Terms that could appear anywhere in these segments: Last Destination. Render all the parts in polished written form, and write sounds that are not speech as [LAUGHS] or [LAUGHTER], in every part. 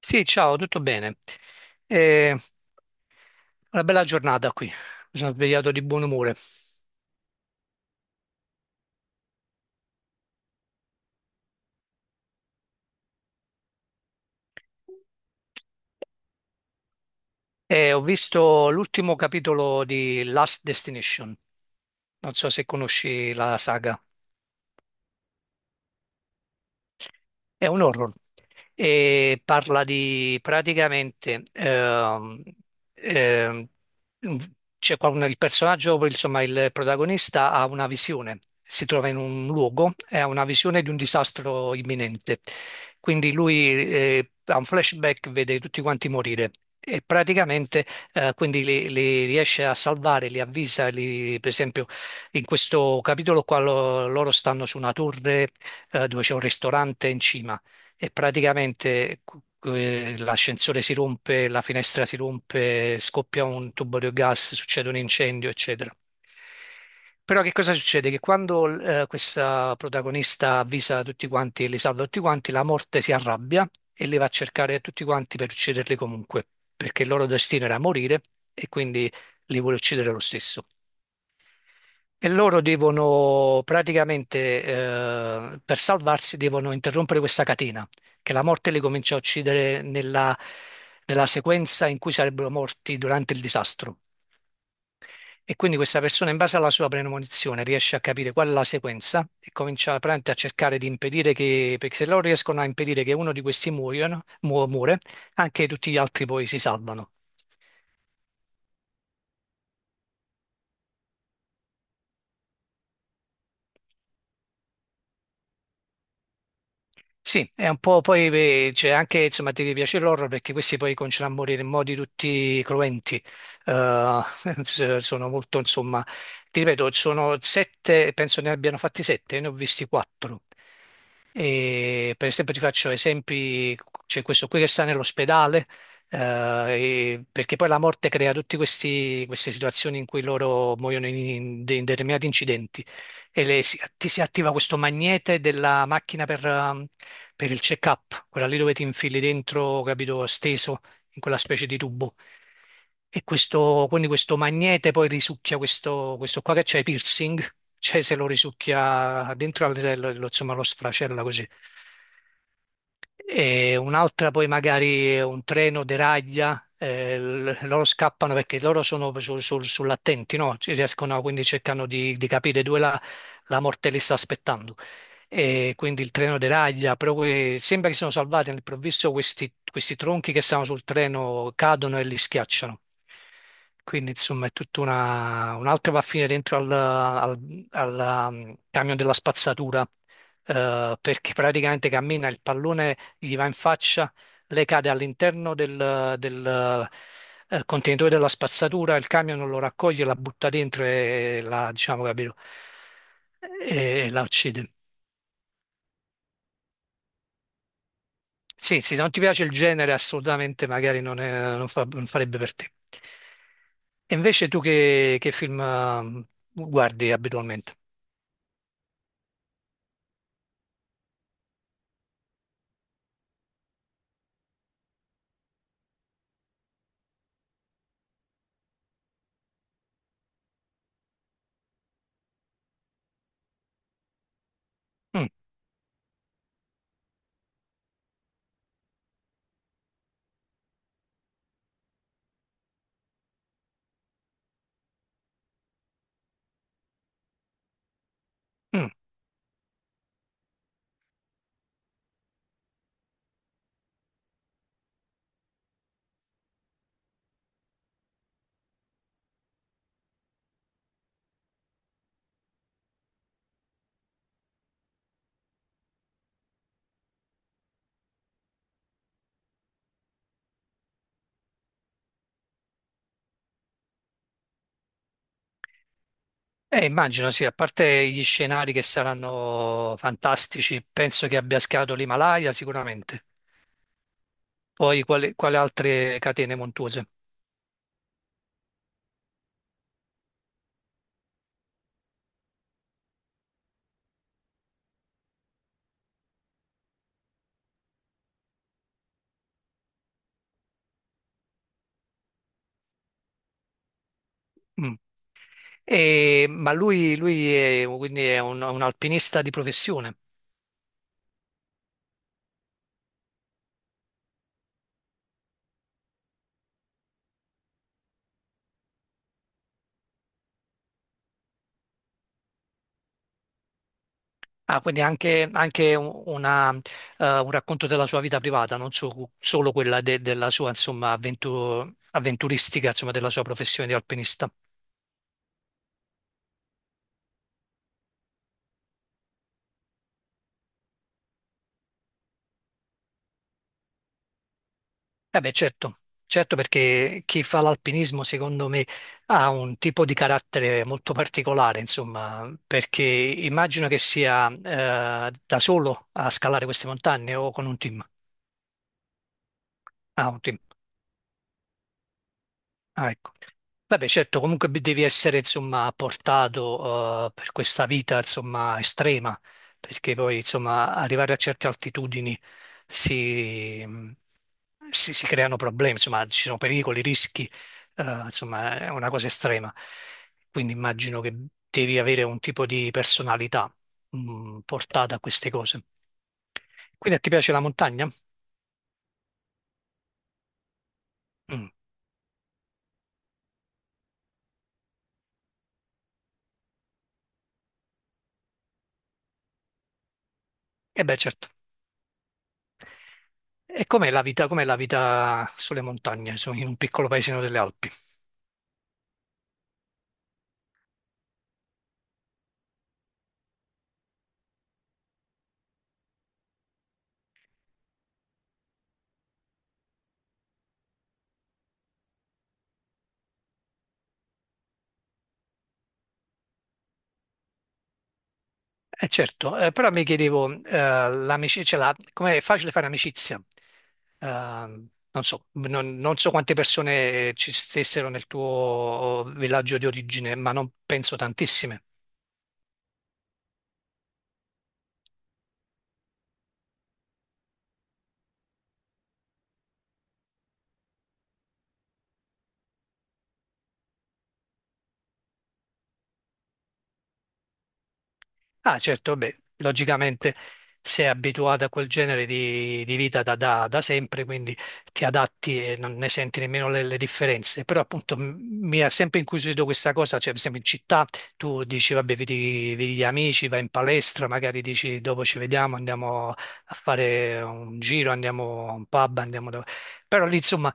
Sì, ciao, tutto bene. Eh, una bella giornata qui. Mi sono svegliato di buon umore. E ho visto l'ultimo capitolo di Last Destination. Non so se conosci la saga. È un horror e parla di praticamente ehm, c'è qua il personaggio, insomma il protagonista ha una visione, si trova in un luogo e ha una visione di un disastro imminente. Quindi lui ha un flashback, vede tutti quanti morire. E praticamente quindi li riesce a salvare, li avvisa, per esempio in questo capitolo qua loro stanno su una torre, dove c'è un ristorante in cima e praticamente l'ascensore si rompe, la finestra si rompe, scoppia un tubo di gas, succede un incendio, eccetera. Però che cosa succede? Che quando questa protagonista avvisa tutti quanti e li salva tutti quanti, la morte si arrabbia e li va a cercare tutti quanti per ucciderli comunque, perché il loro destino era morire e quindi li vuole uccidere lo stesso. E loro devono praticamente, per salvarsi, devono interrompere questa catena, che la morte li comincia a uccidere nella sequenza in cui sarebbero morti durante il disastro. E quindi questa persona, in base alla sua premonizione, riesce a capire qual è la sequenza e comincia praticamente a cercare di impedire che, perché se loro riescono a impedire che uno di questi muoiono, muore, anche tutti gli altri poi si salvano. Sì, è un po' poi beh, c'è anche, insomma, ti piace l'horror perché questi poi cominciano a morire in modi tutti cruenti. Eh, [LAUGHS] sono molto, insomma, ti ripeto, sono sette, penso ne abbiano fatti sette, ne ho visti quattro, e per esempio ti faccio esempi, c'è questo qui che sta nell'ospedale, eh, perché poi la morte crea tutte queste situazioni in cui loro muoiono in in determinati incidenti e ti si attiva questo magnete della macchina per il check-up, quella lì dove ti infili dentro, capito, steso in quella specie di tubo. E quindi questo magnete poi risucchia questo qua che c'è, piercing, cioè se lo risucchia dentro, lo, insomma, lo sfracella così. E un'altra poi magari è un treno deraglia, loro scappano perché loro sono sull'attenti, no? Ci riescono, quindi cercano di capire dove la, la morte li sta aspettando. E quindi il treno deraglia, però sembra che siano salvati all'improvviso questi, questi tronchi che stavano sul treno cadono e li schiacciano. Quindi insomma è tutta una... un'altra va a finire dentro al camion della spazzatura, perché praticamente cammina, il pallone gli va in faccia, lei cade all'interno del contenitore della spazzatura, il camion non lo raccoglie, la butta dentro e la, diciamo, capito, e la uccide. Sì, sì, se non ti piace il genere, assolutamente magari non, non farebbe per te. E invece tu che film guardi abitualmente? Mm, mm. Immagino sì, a parte gli scenari che saranno fantastici, penso che abbia schierato l'Himalaya sicuramente, poi quali, quali altre catene montuose. Mm. Ma lui è, quindi è un alpinista di professione. Ah, quindi anche, anche una, un racconto della sua vita privata, non so- solo quella della sua insomma, avventuristica, insomma, della sua professione di alpinista. Eh beh, certo, certo perché chi fa l'alpinismo secondo me ha un tipo di carattere molto particolare, insomma, perché immagino che sia da solo a scalare queste montagne o con un team. Ah, un team. Ah, ecco. Vabbè, certo, comunque devi essere, insomma, portato, per questa vita, insomma, estrema, perché poi, insomma, arrivare a certe altitudini si, si creano problemi, insomma, ci sono pericoli, rischi, insomma, è una cosa estrema. Quindi immagino che devi avere un tipo di personalità, mm, portata a queste cose. Quindi a te piace la montagna? Mm. Eh beh, certo. E com'è la vita sulle montagne, in un piccolo paesino delle Alpi? Eh certo, però mi chiedevo, l'amicizia, cioè com'è facile fare amicizia? Eh, non so, non so quante persone ci stessero nel tuo villaggio di origine, ma non penso tantissime. Ah, certo, beh, logicamente sei abituato a quel genere di vita da sempre, quindi ti adatti e non ne senti nemmeno le differenze. Però appunto mi ha sempre incuriosito questa cosa, cioè per esempio in città tu dici vabbè, vedi gli amici, vai in palestra, magari dici dopo ci vediamo, andiamo a fare un giro, andiamo a un pub, andiamo dove... Però lì insomma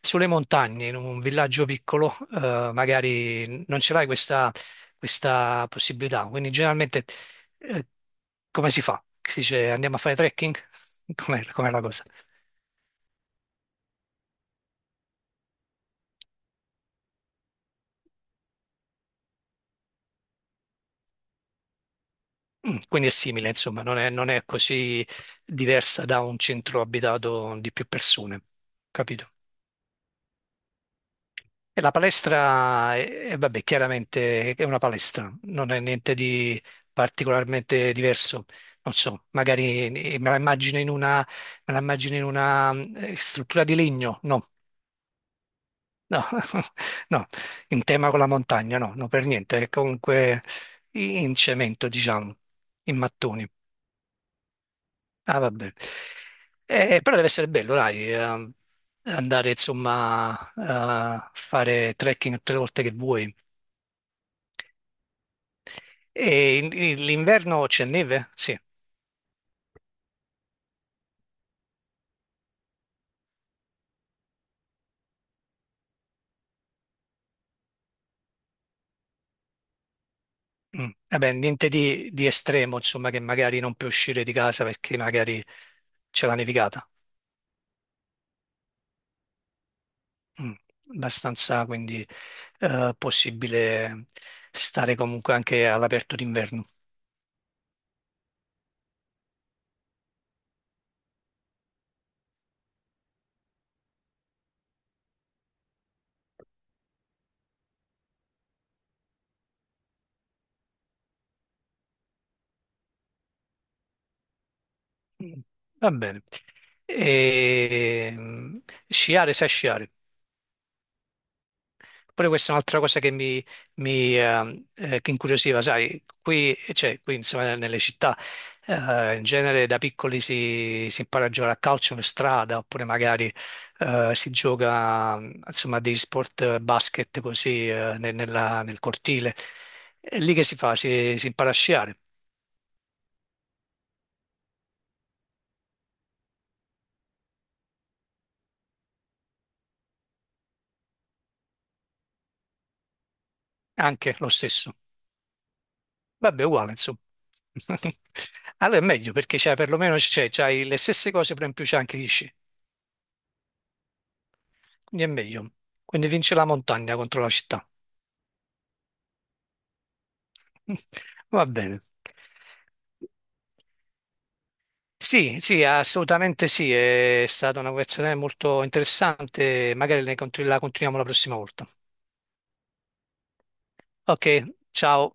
sulle montagne, in un villaggio piccolo, magari non ce l'hai questa possibilità. Quindi generalmente eh, come si fa? Si dice andiamo a fare trekking? [LAUGHS] Com'è, com'è la cosa? Mm, quindi è simile, insomma, non è così diversa da un centro abitato di più persone, capito? E la palestra, vabbè, chiaramente è una palestra, non è niente di particolarmente diverso. Non so, magari me la immagino in una mm, struttura di legno, no. No, [LAUGHS] no, in tema con la montagna, no, no, per niente, è comunque in cemento, diciamo, in mattoni. Ah, vabbè. Però deve essere bello, dai, andare, insomma, a fare trekking tutte le volte che vuoi. E l'inverno c'è neve? Sì. Mm. Vabbè, niente di, di estremo, insomma, che magari non puoi uscire di casa perché magari c'è la nevicata. Mm, abbastanza, quindi possibile stare comunque anche all'aperto d'inverno. Va bene. E, mm, sciare, sai sciare? Pure questa è un'altra cosa che mi che incuriosiva, sai, qui, cioè, qui insomma, nelle città in genere da piccoli si impara a giocare a calcio in strada oppure magari si gioca insomma degli sport basket così nel cortile. È lì che si fa, si impara a sciare, anche lo stesso. Vabbè, uguale insomma. [LAUGHS] Allora è meglio perché c'è perlomeno c'è, c'hai le stesse cose, però in più c'è anche gli sci. Quindi è meglio. Quindi vince la montagna contro la città. [LAUGHS] Va bene. Sì, sì, assolutamente sì, è stata una conversazione molto interessante, magari la continuiamo la prossima volta. Ok, ciao.